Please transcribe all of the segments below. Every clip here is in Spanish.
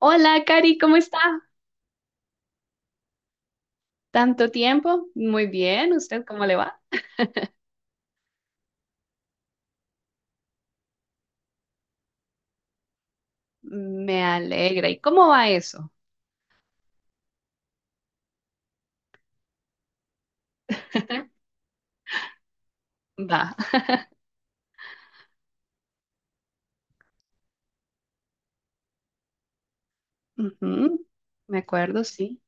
Hola, Cari, ¿cómo está? ¿Tanto tiempo? Muy bien, ¿usted cómo le va? Me alegra. ¿Y cómo va eso? Va. Ujú. Me acuerdo, sí.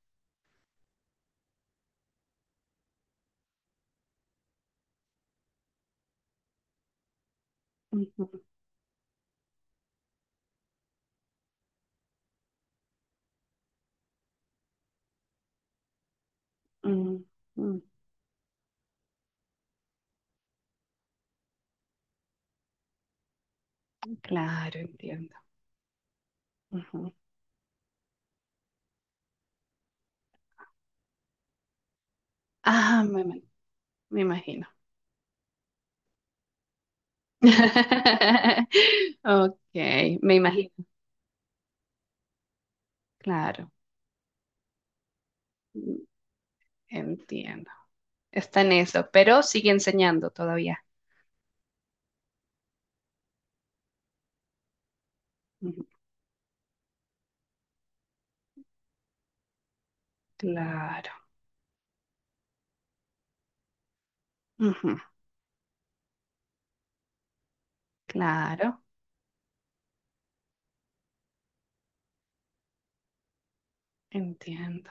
Ujú, ujú, ujú. Claro, entiendo. Ujú. Ah, me imagino. Ok, me imagino. Claro, entiendo. Está en eso, pero sigue enseñando todavía. Ujú. Claro, ujú, claro, entiendo.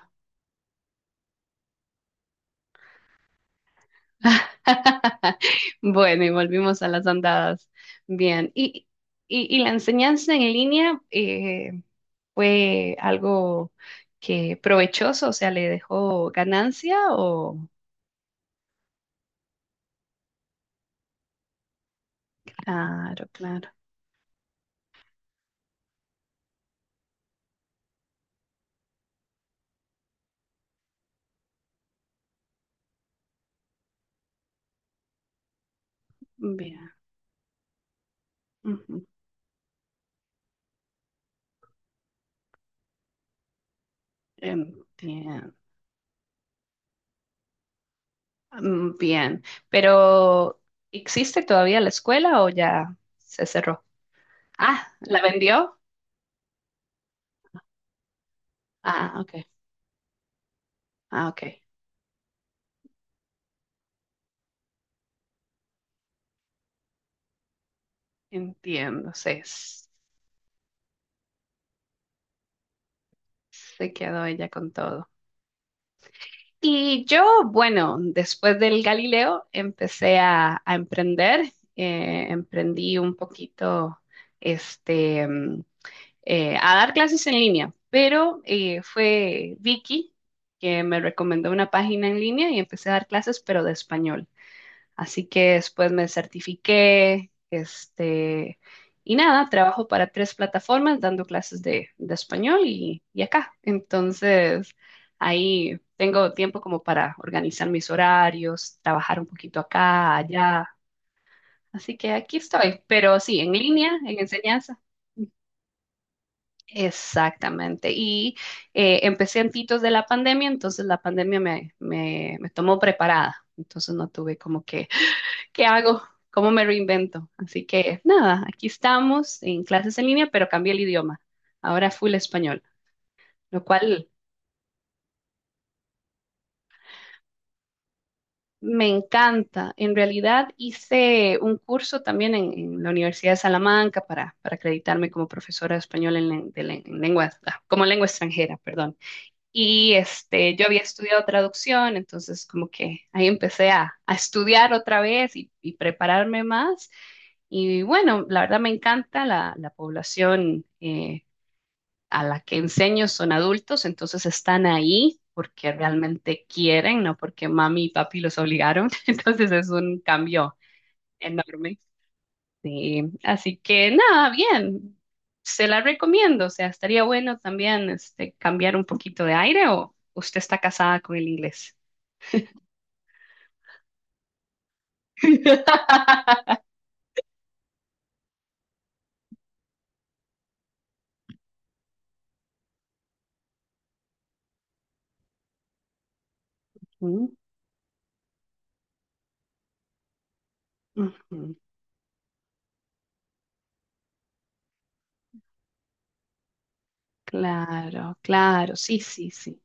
Bueno, y volvimos a las andadas. Bien, y, la enseñanza en línea fue algo que provechoso, o sea, le dejó ganancia o... Claro, claro. Bien, ujú, bien, bien. Pero, ¿existe todavía la escuela o ya se cerró? Ah, ¿la vendió? Ah, ok. Ah, ok. Entiendo, se quedó ella con todo. Y yo, bueno, después del Galileo empecé a, emprender, emprendí un poquito, este, a dar clases en línea, pero fue Vicky que me recomendó una página en línea y empecé a dar clases, pero de español. Así que después me certifiqué, este, y nada, trabajo para tres plataformas dando clases de, español y acá. Entonces, ahí tengo tiempo como para organizar mis horarios, trabajar un poquito acá, allá. Así que aquí estoy, pero sí, en línea, en enseñanza. Exactamente. Y empecé antitos de la pandemia, entonces la pandemia me tomó preparada. Entonces no tuve como que, ¿qué hago? ¿Cómo me reinvento? Así que nada, aquí estamos en clases en línea, pero cambié el idioma. Ahora full español, lo cual me encanta. En realidad hice un curso también en, la Universidad de Salamanca para acreditarme como profesora de español en, len- de len- en lenguas- ah, como lengua extranjera, perdón. Y este, yo había estudiado traducción, entonces como que ahí empecé a, estudiar otra vez y prepararme más. Y bueno, la verdad me encanta la población a la que enseño son adultos, entonces están ahí porque realmente quieren, no porque mami y papi los obligaron. Entonces es un cambio enorme. Sí, así que nada, bien, se la recomiendo, o sea, estaría bueno también este, cambiar un poquito de aire o usted está casada con el inglés. Mm, ujú. Claro, claro, sí, sí, sí.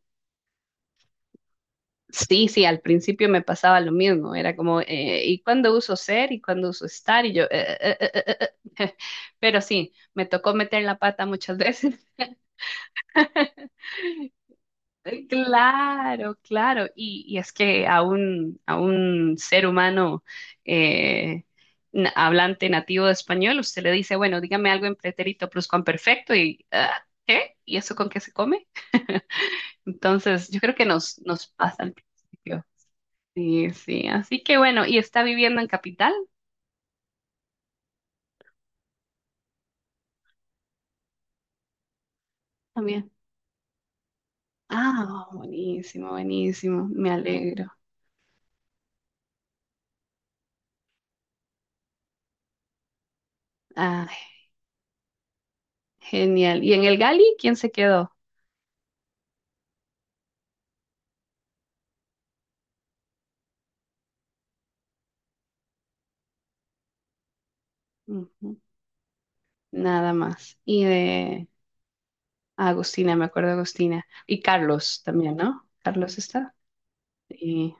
Sí, sí, al principio me pasaba lo mismo, era como, ¿y cuándo uso ser y cuándo uso estar? Y yo. Pero sí, me tocó meter la pata muchas veces. Claro, claro. Y es que a un, ser humano eh, hablante nativo de español, usted le dice, bueno, dígame algo en pretérito perfecto y ah, ¿qué? ¿Y eso con qué se come? Entonces, yo creo que nos pasa al principio. Sí, sí. Así que bueno, ¿y está viviendo en capital también? Ah, buenísimo, buenísimo. Me alegro. Ay, genial. ¿Y en el Gali quién se quedó? Ujú. Nada más. Y de... Ah, Agustina, me acuerdo de Agustina. Y Carlos también, ¿no? Carlos está. Y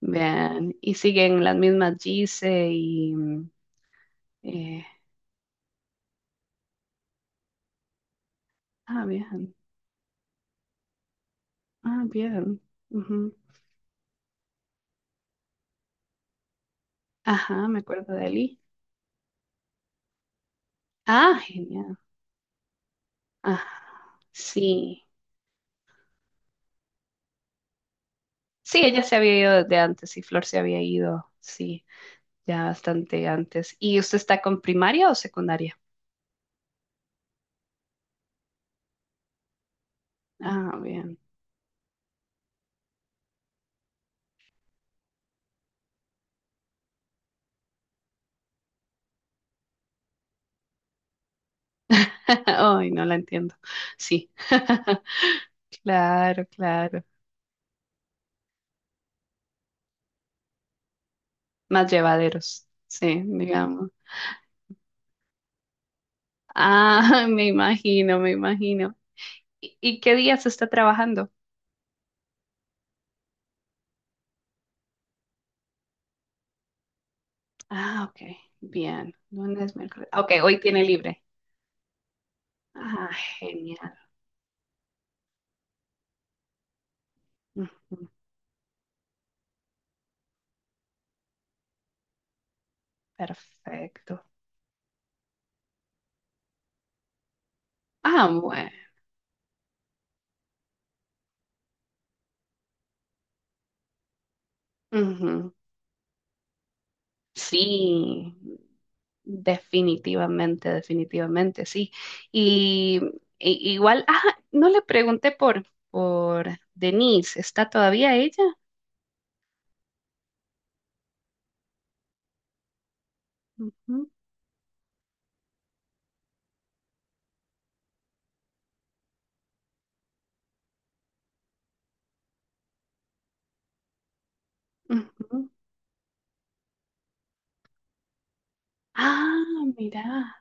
vean, y siguen las mismas Gise y... eh, ah, bien. Ah, bien. Ujú. Ajá, me acuerdo de Eli. Ah, genial. Ah, sí. Sí, ella se había ido desde antes y Flor se había ido, sí, ya bastante antes. ¿Y usted está con primaria o secundaria? Ah, bien. Ay, no la entiendo. Sí. Claro, claro. Más llevaderos, sí, digamos. Ah, me imagino, me imagino. ¿Y qué día se está trabajando? Ah, ok, bien. Lunes, miércoles. Ok, hoy tiene libre. Ah, genial. Ujú, perfecto. Ah, bueno. Ujú. Sí, definitivamente, definitivamente, sí. Y, Igual, ah, no le pregunté por, Denise, ¿está todavía ella? Ujú, ujú. Ah, mira.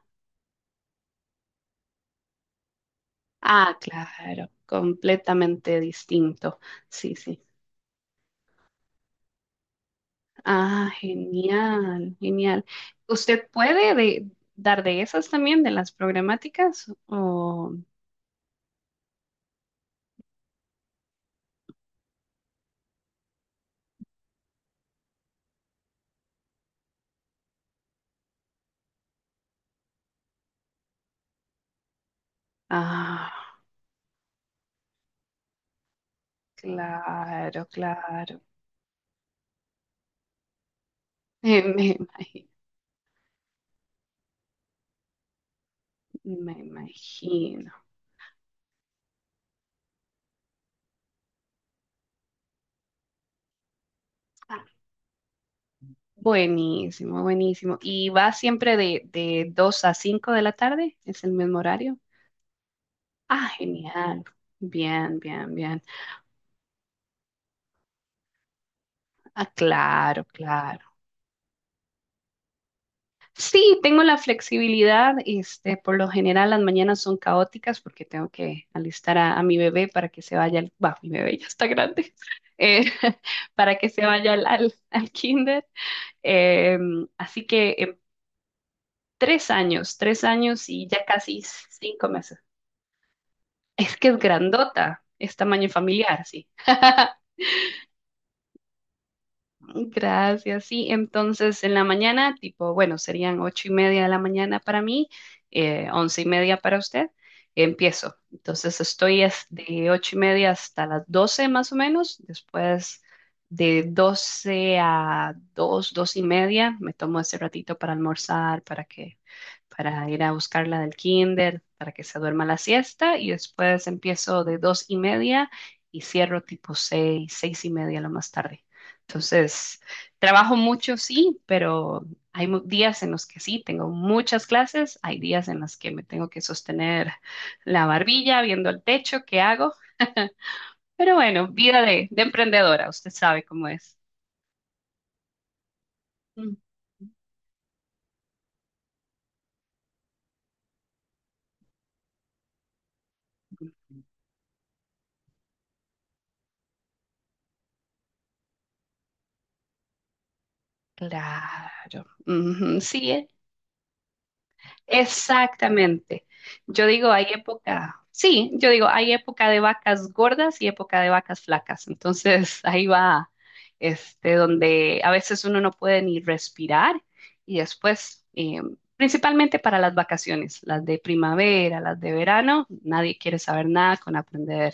Ah, claro, completamente distinto. Sí, sí. Ah, genial, genial. ¿Usted puede dar de esas también, de las programáticas? Ah, claro, claro. Eh, me imagi- Me imagino. Ah, buenísimo, buenísimo. ¿Y va siempre de, 2 a 5 de la tarde? ¿Es el mismo horario? Ah, genial. Bien, bien, bien. Ah, claro, claro. Sí, tengo la flexibilidad. Este, por lo general las mañanas son caóticas porque tengo que alistar a, mi bebé para que se vaya bah, mi bebé ya está grande, eh, para que se vaya al kinder. Eh, Así que 3 años, 3 años y ya casi 5 meses. Es que es grandota, es tamaño familiar, sí. Gracias. Sí, entonces en la mañana, tipo, bueno, serían 8:30 de la mañana para mí, 11:30 para usted. Empiezo. Entonces estoy de 8:30 hasta las 12 más o menos. Después de 12 a 2, 2:30, me tomo ese ratito para almorzar, para ir a buscarla del kinder, para que se duerma la siesta y después empiezo de 2:30 y cierro tipo 6, 6:30 lo más tarde. Entonces, trabajo mucho, sí, pero hay días en los que sí, tengo muchas clases, hay días en los que me tengo que sostener la barbilla viendo el techo, ¿qué hago? Pero bueno, vida de, emprendedora, usted sabe cómo es. Mm. Claro. Ujú, sí, ¿eh? Exactamente. Yo digo, hay época, sí, yo digo, hay época de vacas gordas y época de vacas flacas. Entonces, ahí va, este, donde a veces uno no puede ni respirar y después, principalmente para las vacaciones, las de primavera, las de verano, nadie quiere saber nada con aprender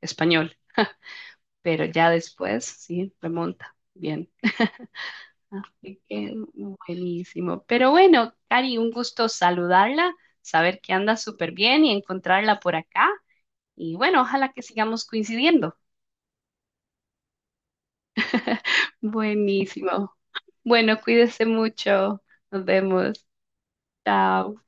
español, pero ya después, sí, remonta. Bien. Así que buenísimo. Pero bueno, Cari, un gusto saludarla, saber que anda súper bien y encontrarla por acá. Y bueno, ojalá que sigamos coincidiendo. Buenísimo. Bueno, cuídese mucho. Nos vemos. Chao.